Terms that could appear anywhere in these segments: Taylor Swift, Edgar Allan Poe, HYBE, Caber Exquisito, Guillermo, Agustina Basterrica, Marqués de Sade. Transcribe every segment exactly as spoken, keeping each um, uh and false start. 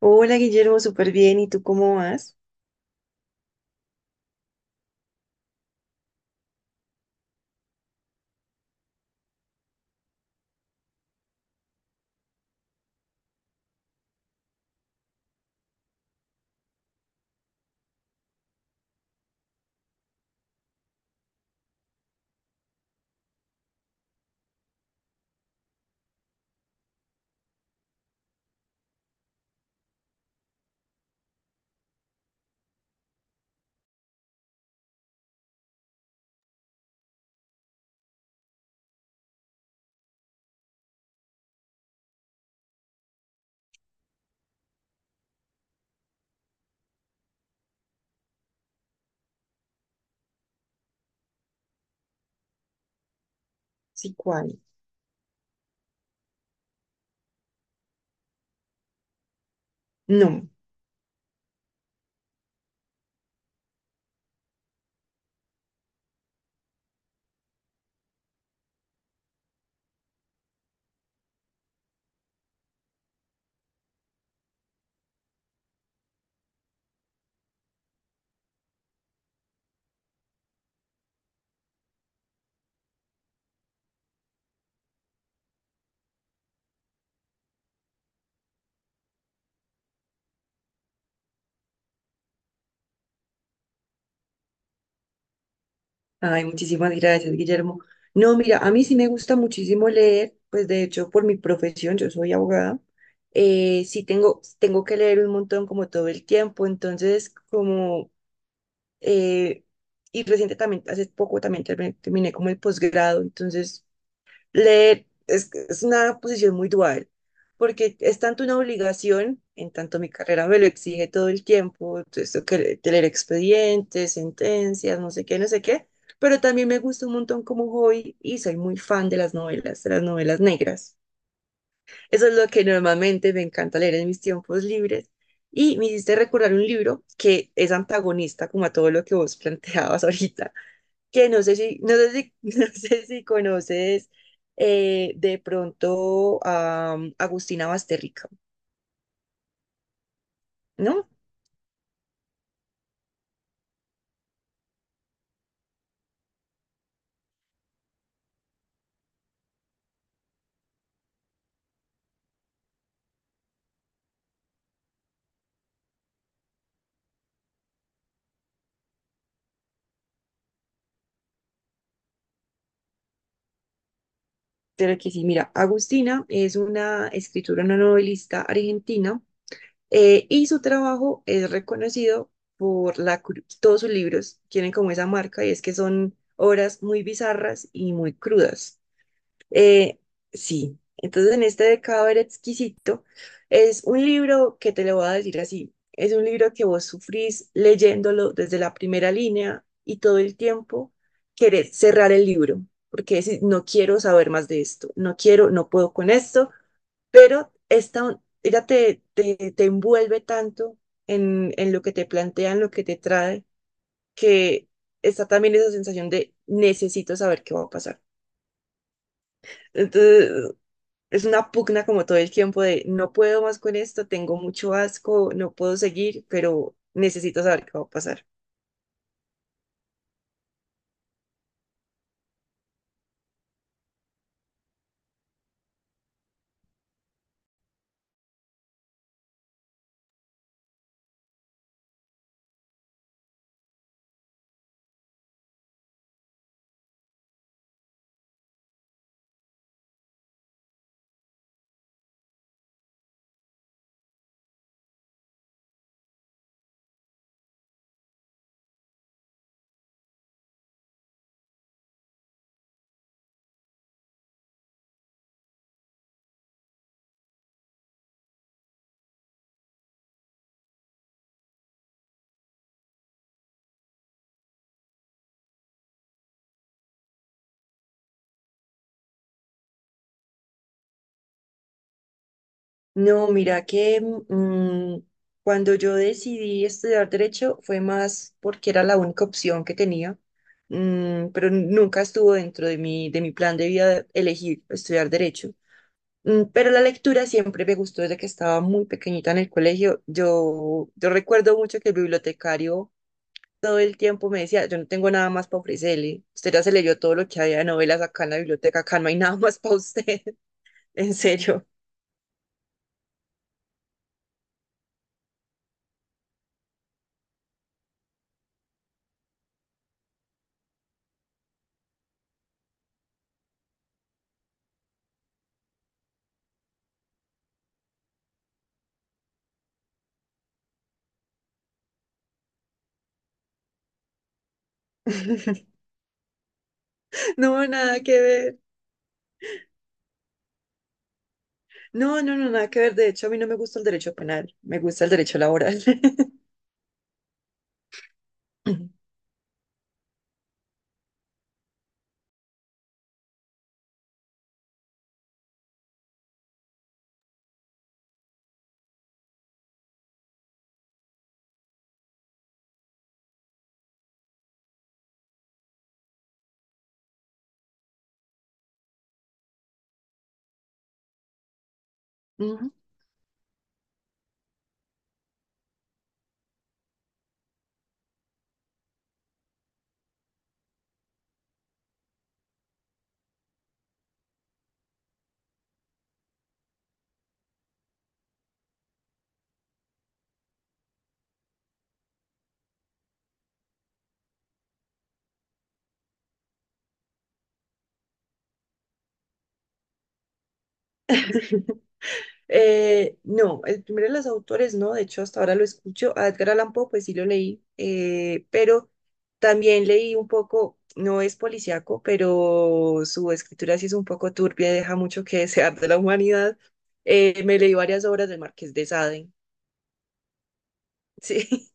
Hola Guillermo, súper bien. ¿Y tú cómo vas? Sí, ¿cuál? No. Ay, muchísimas gracias, Guillermo. No, mira, a mí sí me gusta muchísimo leer, pues de hecho por mi profesión, yo soy abogada, eh, sí tengo, tengo que leer un montón como todo el tiempo, entonces como, eh, y reciente también, hace poco también terminé, terminé como el posgrado, entonces leer es, es una posición muy dual, porque es tanto una obligación, en tanto mi carrera me lo exige todo el tiempo, esto que le- de leer expedientes, sentencias, no sé qué, no sé qué, pero también me gusta un montón como hobby y soy muy fan de las novelas, de las novelas negras. Eso es lo que normalmente me encanta leer en mis tiempos libres. Y me hiciste recordar un libro que es antagonista como a todo lo que vos planteabas ahorita que no sé si, no sé si, no sé si conoces eh, de pronto a um, Agustina Basterrica, ¿no? Pero que sí, mira, Agustina es una escritora, una novelista argentina eh, y su trabajo es reconocido por la, cru- todos sus libros tienen como esa marca y es que son obras muy bizarras y muy crudas. Eh, sí, entonces en este de Caber Exquisito es un libro que te lo voy a decir así, es un libro que vos sufrís leyéndolo desde la primera línea y todo el tiempo querés cerrar el libro, porque decís, no quiero saber más de esto, no quiero, no puedo con esto, pero esta, ella te, te, te envuelve tanto en, en lo que te plantea, en lo que te trae, que está también esa sensación de necesito saber qué va a pasar. Entonces, es una pugna como todo el tiempo de no puedo más con esto, tengo mucho asco, no puedo seguir, pero necesito saber qué va a pasar. No, mira que mm, cuando yo decidí estudiar derecho fue más porque era la única opción que tenía, mm, pero nunca estuvo dentro de mi, de mi plan de vida elegir estudiar derecho. Mm, pero la lectura siempre me gustó desde que estaba muy pequeñita en el colegio. Yo, yo recuerdo mucho que el bibliotecario todo el tiempo me decía, yo no tengo nada más para ofrecerle. Usted ya se leyó todo lo que había de novelas acá en la biblioteca, acá no hay nada más para usted. En serio. No, nada que ver. No, no, no, nada que ver. De hecho, a mí no me gusta el derecho penal, me gusta el derecho laboral. Ujú. Eh, no, el primero de los autores, no, de hecho hasta ahora lo escucho, a Edgar Allan Poe, pues sí lo leí, eh, pero también leí un poco, no es policíaco, pero su escritura sí es un poco turbia y deja mucho que desear de la humanidad. Eh, me leí varias obras del Marqués de Sade, sí,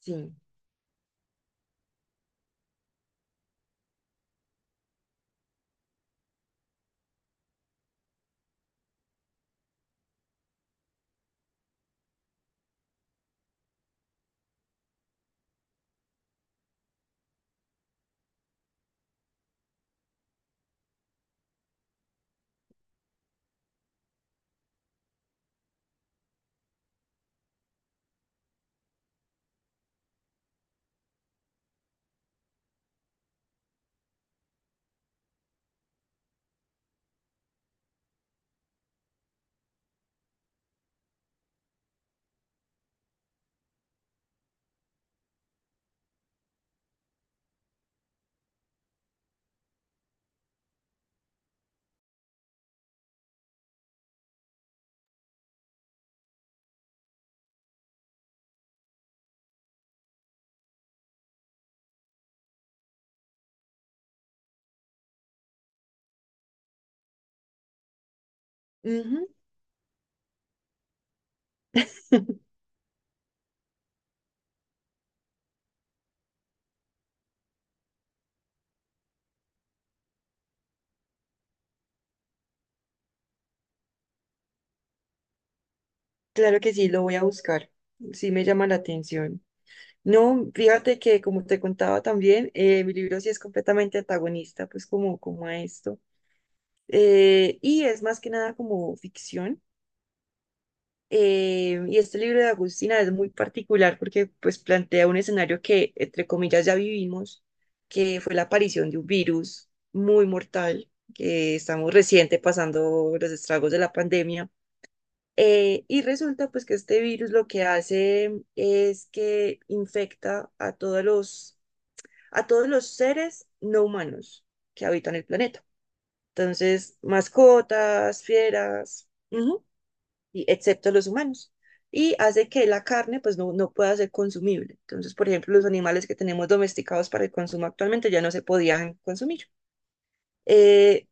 sí. Ujú, claro que sí, lo voy a buscar, sí me llama la atención. No, fíjate que como te contaba también, eh, mi libro sí es completamente antagonista, pues como, como a esto. Eh, y es más que nada como ficción. Eh, y este libro de Agustina es muy particular porque pues plantea un escenario que, entre comillas, ya vivimos, que fue la aparición de un virus muy mortal, que estamos reciente pasando los estragos de la pandemia. Eh, y resulta pues que este virus lo que hace es que infecta a todos los a todos los seres no humanos que habitan el planeta. Entonces, mascotas, fieras, ujú, y excepto los humanos. Y hace que la carne pues no, no pueda ser consumible. Entonces, por ejemplo, los animales que tenemos domesticados para el consumo actualmente ya no se podían consumir. Eh,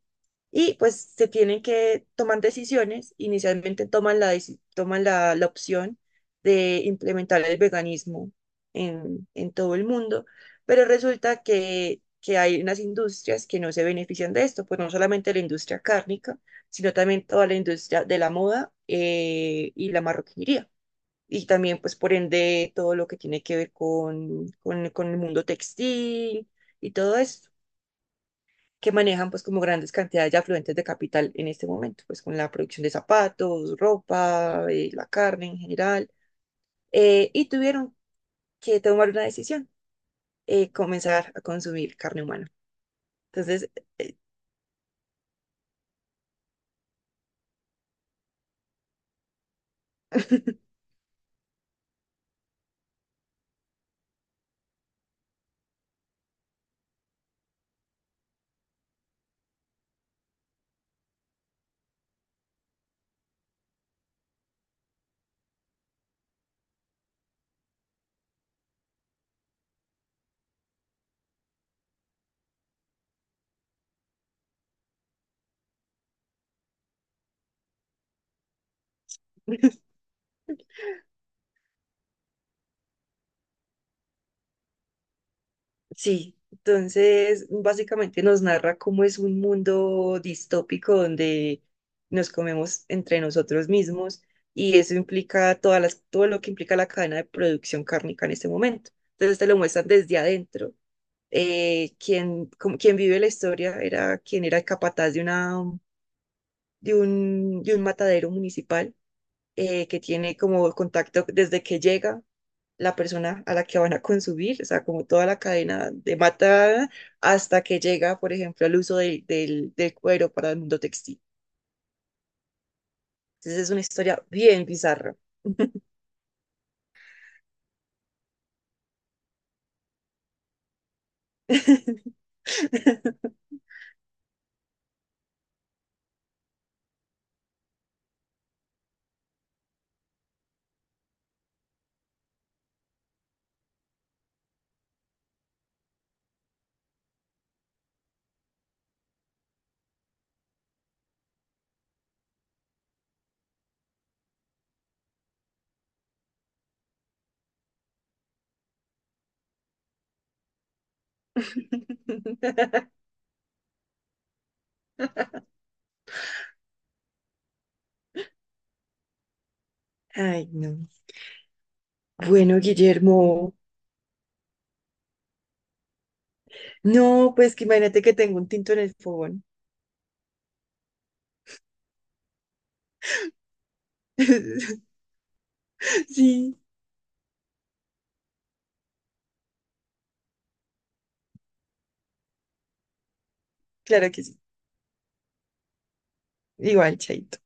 y pues se tienen que tomar decisiones. Inicialmente toman la, deci- toman la, la opción de implementar el veganismo en, en todo el mundo, pero resulta que, que hay unas industrias que no se benefician de esto, pues no solamente la industria cárnica, sino también toda la industria de la moda eh, y la marroquinería. Y también, pues por ende, todo lo que tiene que ver con, con, con el mundo textil y todo eso que manejan pues como grandes cantidades de afluentes de capital en este momento, pues con la producción de zapatos, ropa, eh, la carne en general, eh, y tuvieron que tomar una decisión, eh, comenzar a consumir carne humana. Entonces, eh, sí, entonces básicamente nos narra cómo es un mundo distópico donde nos comemos entre nosotros mismos y eso implica todas las, todo lo que implica la cadena de producción cárnica en este momento. Entonces te lo muestran desde adentro eh, quien, como- quien vive la historia era quien era el capataz de, una, de, un, de un matadero municipal eh, que tiene como contacto desde que llega la persona a la que van a consumir, o sea, como toda la cadena de mata hasta que llega, por ejemplo, al uso del, del, del cuero para el mundo textil. Entonces es una historia bien bizarra. Ay, no. Bueno, Guillermo, no, pues que imagínate que tengo un tinto en el fogón. Sí, claro que sí. Igual, chaito.